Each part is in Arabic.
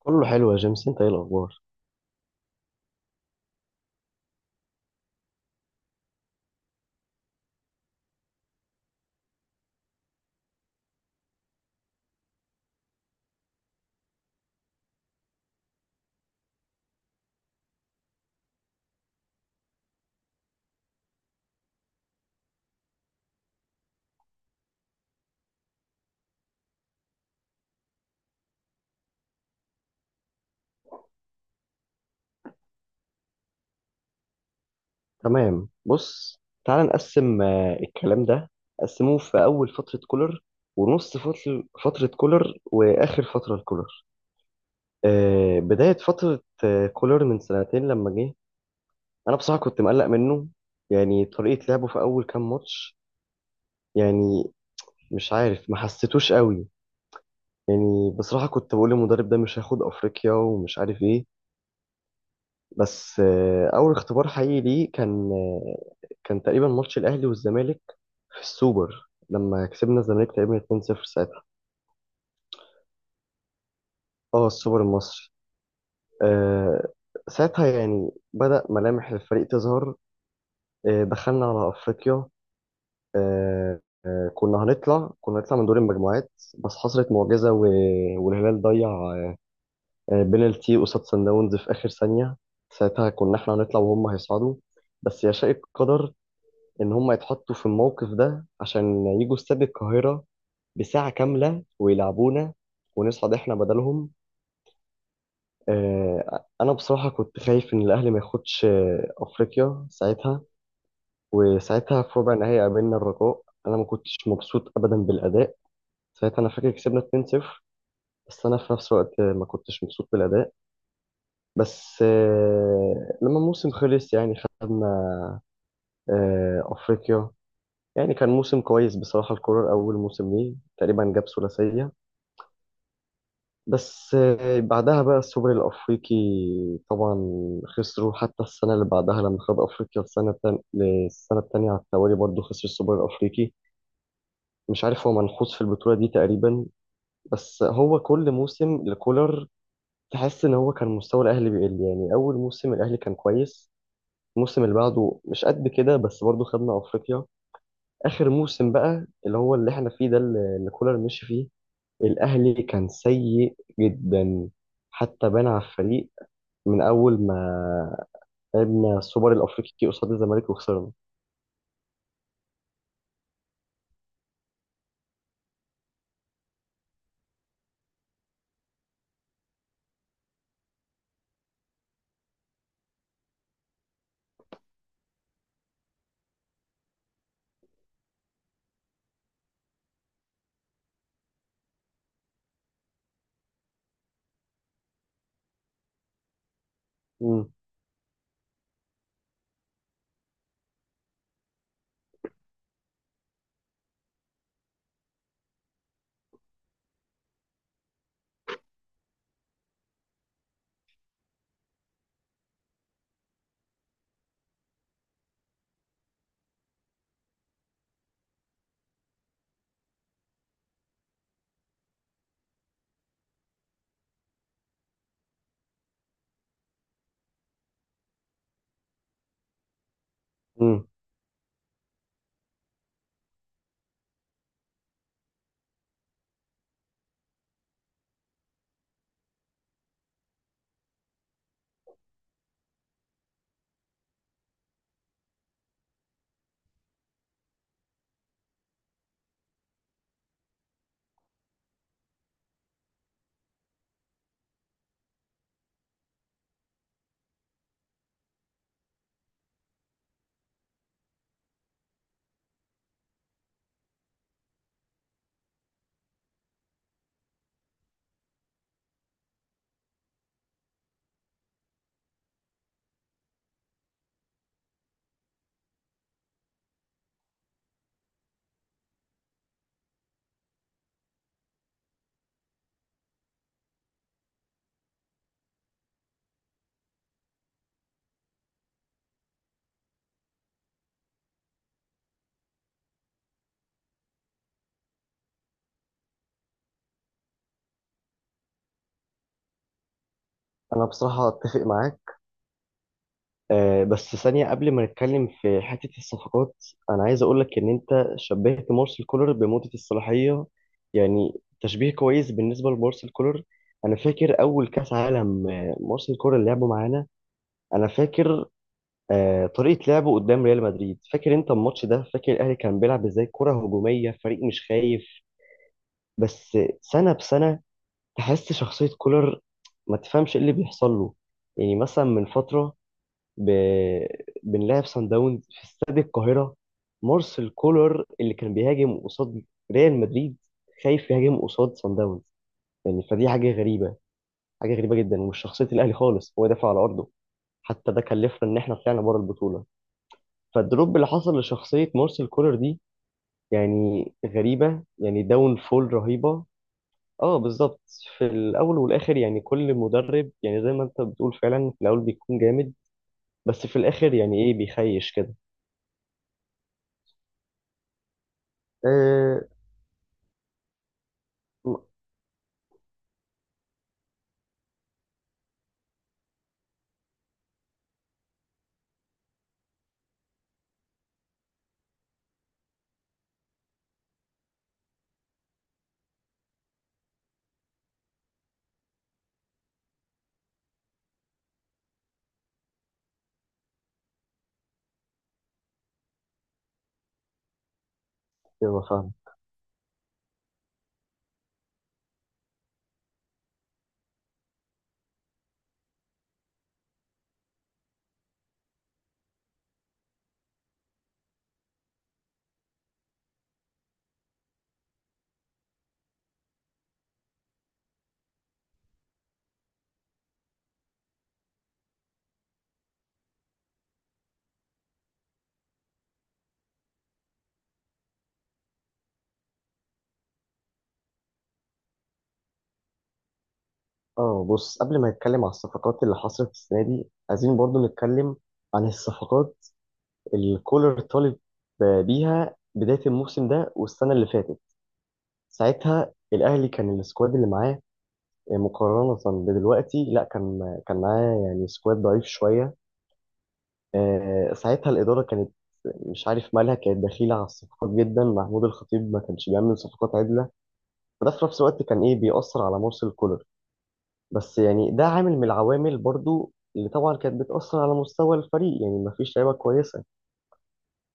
كله حلو يا جيمس، انت ايه الاخبار؟ تمام. بص، تعال نقسم الكلام ده. قسموه في اول فتره كولر، ونص فتره كولر، واخر فتره لكولر. بدايه فتره كولر من سنتين لما جه. انا بصراحه كنت مقلق منه. يعني طريقه لعبه في اول كام ماتش يعني مش عارف، ما حسيتوش قوي. يعني بصراحه كنت بقول المدرب ده مش هياخد افريقيا ومش عارف ايه. بس اول اختبار حقيقي ليه كان كان تقريبا ماتش الاهلي والزمالك في السوبر، لما كسبنا الزمالك تقريبا 2-0. ساعتها اه، السوبر المصري. آه ساعتها يعني بدأ ملامح الفريق تظهر. دخلنا على أفريقيا. آه كنا هنطلع من دور المجموعات، بس حصلت معجزة والهلال ضيع بينالتي قصاد سان داونز في آخر ثانية. ساعتها كنا احنا هنطلع وهم هيصعدوا، بس يشاء القدر إن هم يتحطوا في الموقف ده عشان يجوا استاد القاهرة بساعة كاملة ويلعبونا، ونصعد احنا بدلهم. انا بصراحه كنت خايف ان الاهلي ما ياخدش افريقيا ساعتها. وساعتها في ربع النهائي قابلنا الرجاء. انا ما كنتش مبسوط ابدا بالاداء. ساعتها انا فاكر كسبنا 2-0، بس انا في نفس الوقت ما كنتش مبسوط بالاداء. بس لما الموسم خلص يعني خدنا افريقيا. يعني كان موسم كويس بصراحه، الكوره اول موسم ليه تقريبا جاب ثلاثيه. بس بعدها بقى السوبر الأفريقي. طبعا خسروا. حتى السنة اللي بعدها لما خد أفريقيا، السنة التانية على التوالي برضه خسر السوبر الأفريقي. مش عارف هو منحوس في البطولة دي تقريبا، بس هو كل موسم لكولر تحس إن هو كان مستوى الأهلي بيقل. يعني أول موسم الأهلي كان كويس، الموسم اللي بعده مش قد كده، بس برضه خدنا أفريقيا. آخر موسم بقى اللي هو اللي إحنا فيه ده، اللي كولر مشي فيه، الأهلي كان سيء جدا. حتى بان على الفريق من اول ما لعبنا السوبر الافريقي قصاد الزمالك وخسرنا. امم. امم. انا بصراحه اتفق معاك. بس ثانيه قبل ما نتكلم في حته الصفقات، انا عايز اقول لك ان انت شبهت مارسيل كولر بمده الصلاحيه. يعني تشبيه كويس بالنسبه لمارسيل كولر. انا فاكر اول كاس عالم مارسيل كولر لعبه معانا. انا فاكر طريقه لعبه قدام ريال مدريد. فاكر انت الماتش ده؟ فاكر الاهلي كان بيلعب ازاي؟ كره هجوميه، فريق مش خايف. بس سنه بسنه تحس شخصية كولر، ما تفهمش ايه اللي بيحصل له. يعني مثلا من فترة، ب... بنلعب سان داونز في استاد القاهرة، مارسيل كولر اللي كان بيهاجم قصاد ريال مدريد خايف يهاجم قصاد سان داونز. يعني فدي حاجة غريبة، حاجة غريبة جدا، ومش شخصية الأهلي خالص، هو دافع على أرضه. حتى ده كلفنا إن إحنا طلعنا بره البطولة. فالدروب اللي حصل لشخصية مارسيل كولر دي يعني غريبة، يعني داون فول رهيبة. اه بالظبط. في الاول والاخر يعني كل مدرب، يعني زي ما انت بتقول، فعلا في الاول بيكون جامد، بس في الاخر يعني ايه بيخيش كده. أه. م- ايوه، فاهم. اه بص، قبل ما نتكلم على الصفقات اللي حصلت السنه دي، عايزين برضو نتكلم عن الصفقات اللي كولر طالب بيها بدايه الموسم ده والسنه اللي فاتت. ساعتها الاهلي كان السكواد اللي معاه مقارنه بدلوقتي، لا كان معاه يعني سكواد ضعيف شويه. ساعتها الإدارة كانت مش عارف مالها، كانت دخيلة على الصفقات جدا. محمود الخطيب ما كانش بيعمل صفقات عدلة، وده في نفس الوقت كان إيه بيأثر على مرسل كولر. بس يعني ده عامل من العوامل برضو اللي طبعا كانت بتأثر على مستوى الفريق. يعني ما فيش لعيبة كويسة.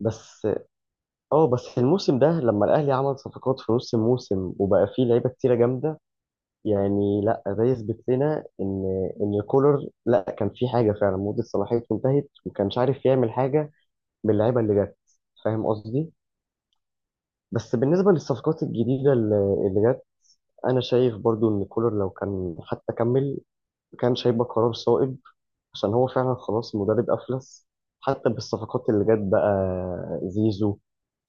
بس اه بس الموسم ده، لما الأهلي عمل صفقات في نص الموسم وبقى فيه لعيبة كتيرة جامدة، يعني لا ده يثبت لنا إن كولر لا كان في حاجة، فعلا مدة صلاحيته انتهت وما كانش عارف يعمل حاجة باللعيبة اللي جت. فاهم قصدي؟ بس بالنسبة للصفقات الجديدة اللي جت، أنا شايف برضو إن كولر لو كان حتى كمل كان هيبقى قرار صائب، عشان هو فعلا خلاص مدرب أفلس حتى بالصفقات اللي جت بقى. زيزو،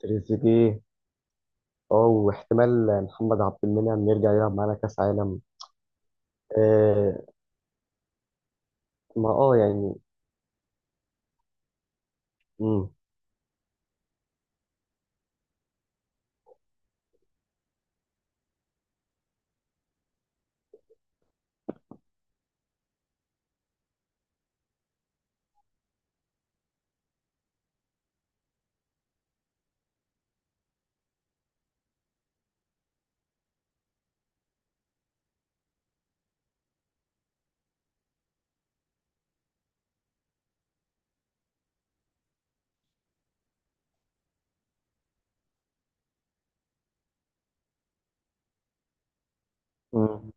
تريزيجيه، اه واحتمال محمد عبد المنعم يرجع يلعب معانا كأس عالم. آه. ما اه يعني. مم. مم.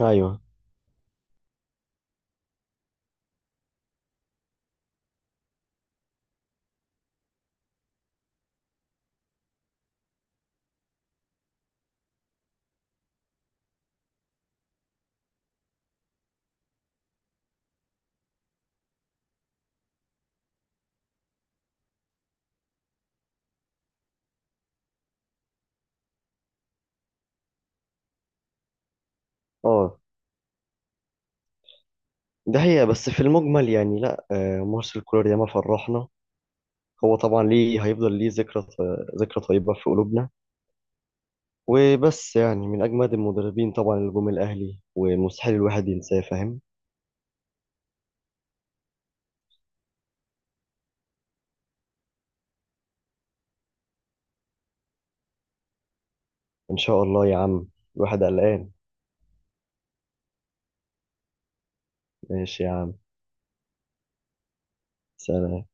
ايوه. اه ده هي، بس في المجمل يعني لا، مارسيل كولر ياما فرحنا. هو طبعا ليه هيفضل ليه ذكرى، ذكرى طيبة في قلوبنا. وبس يعني من أجمد المدربين طبعا اللي جم الأهلي، ومستحيل الواحد ينساه. فاهم. إن شاء الله يا عم. الواحد قلقان. ماشي يا عم. سلام.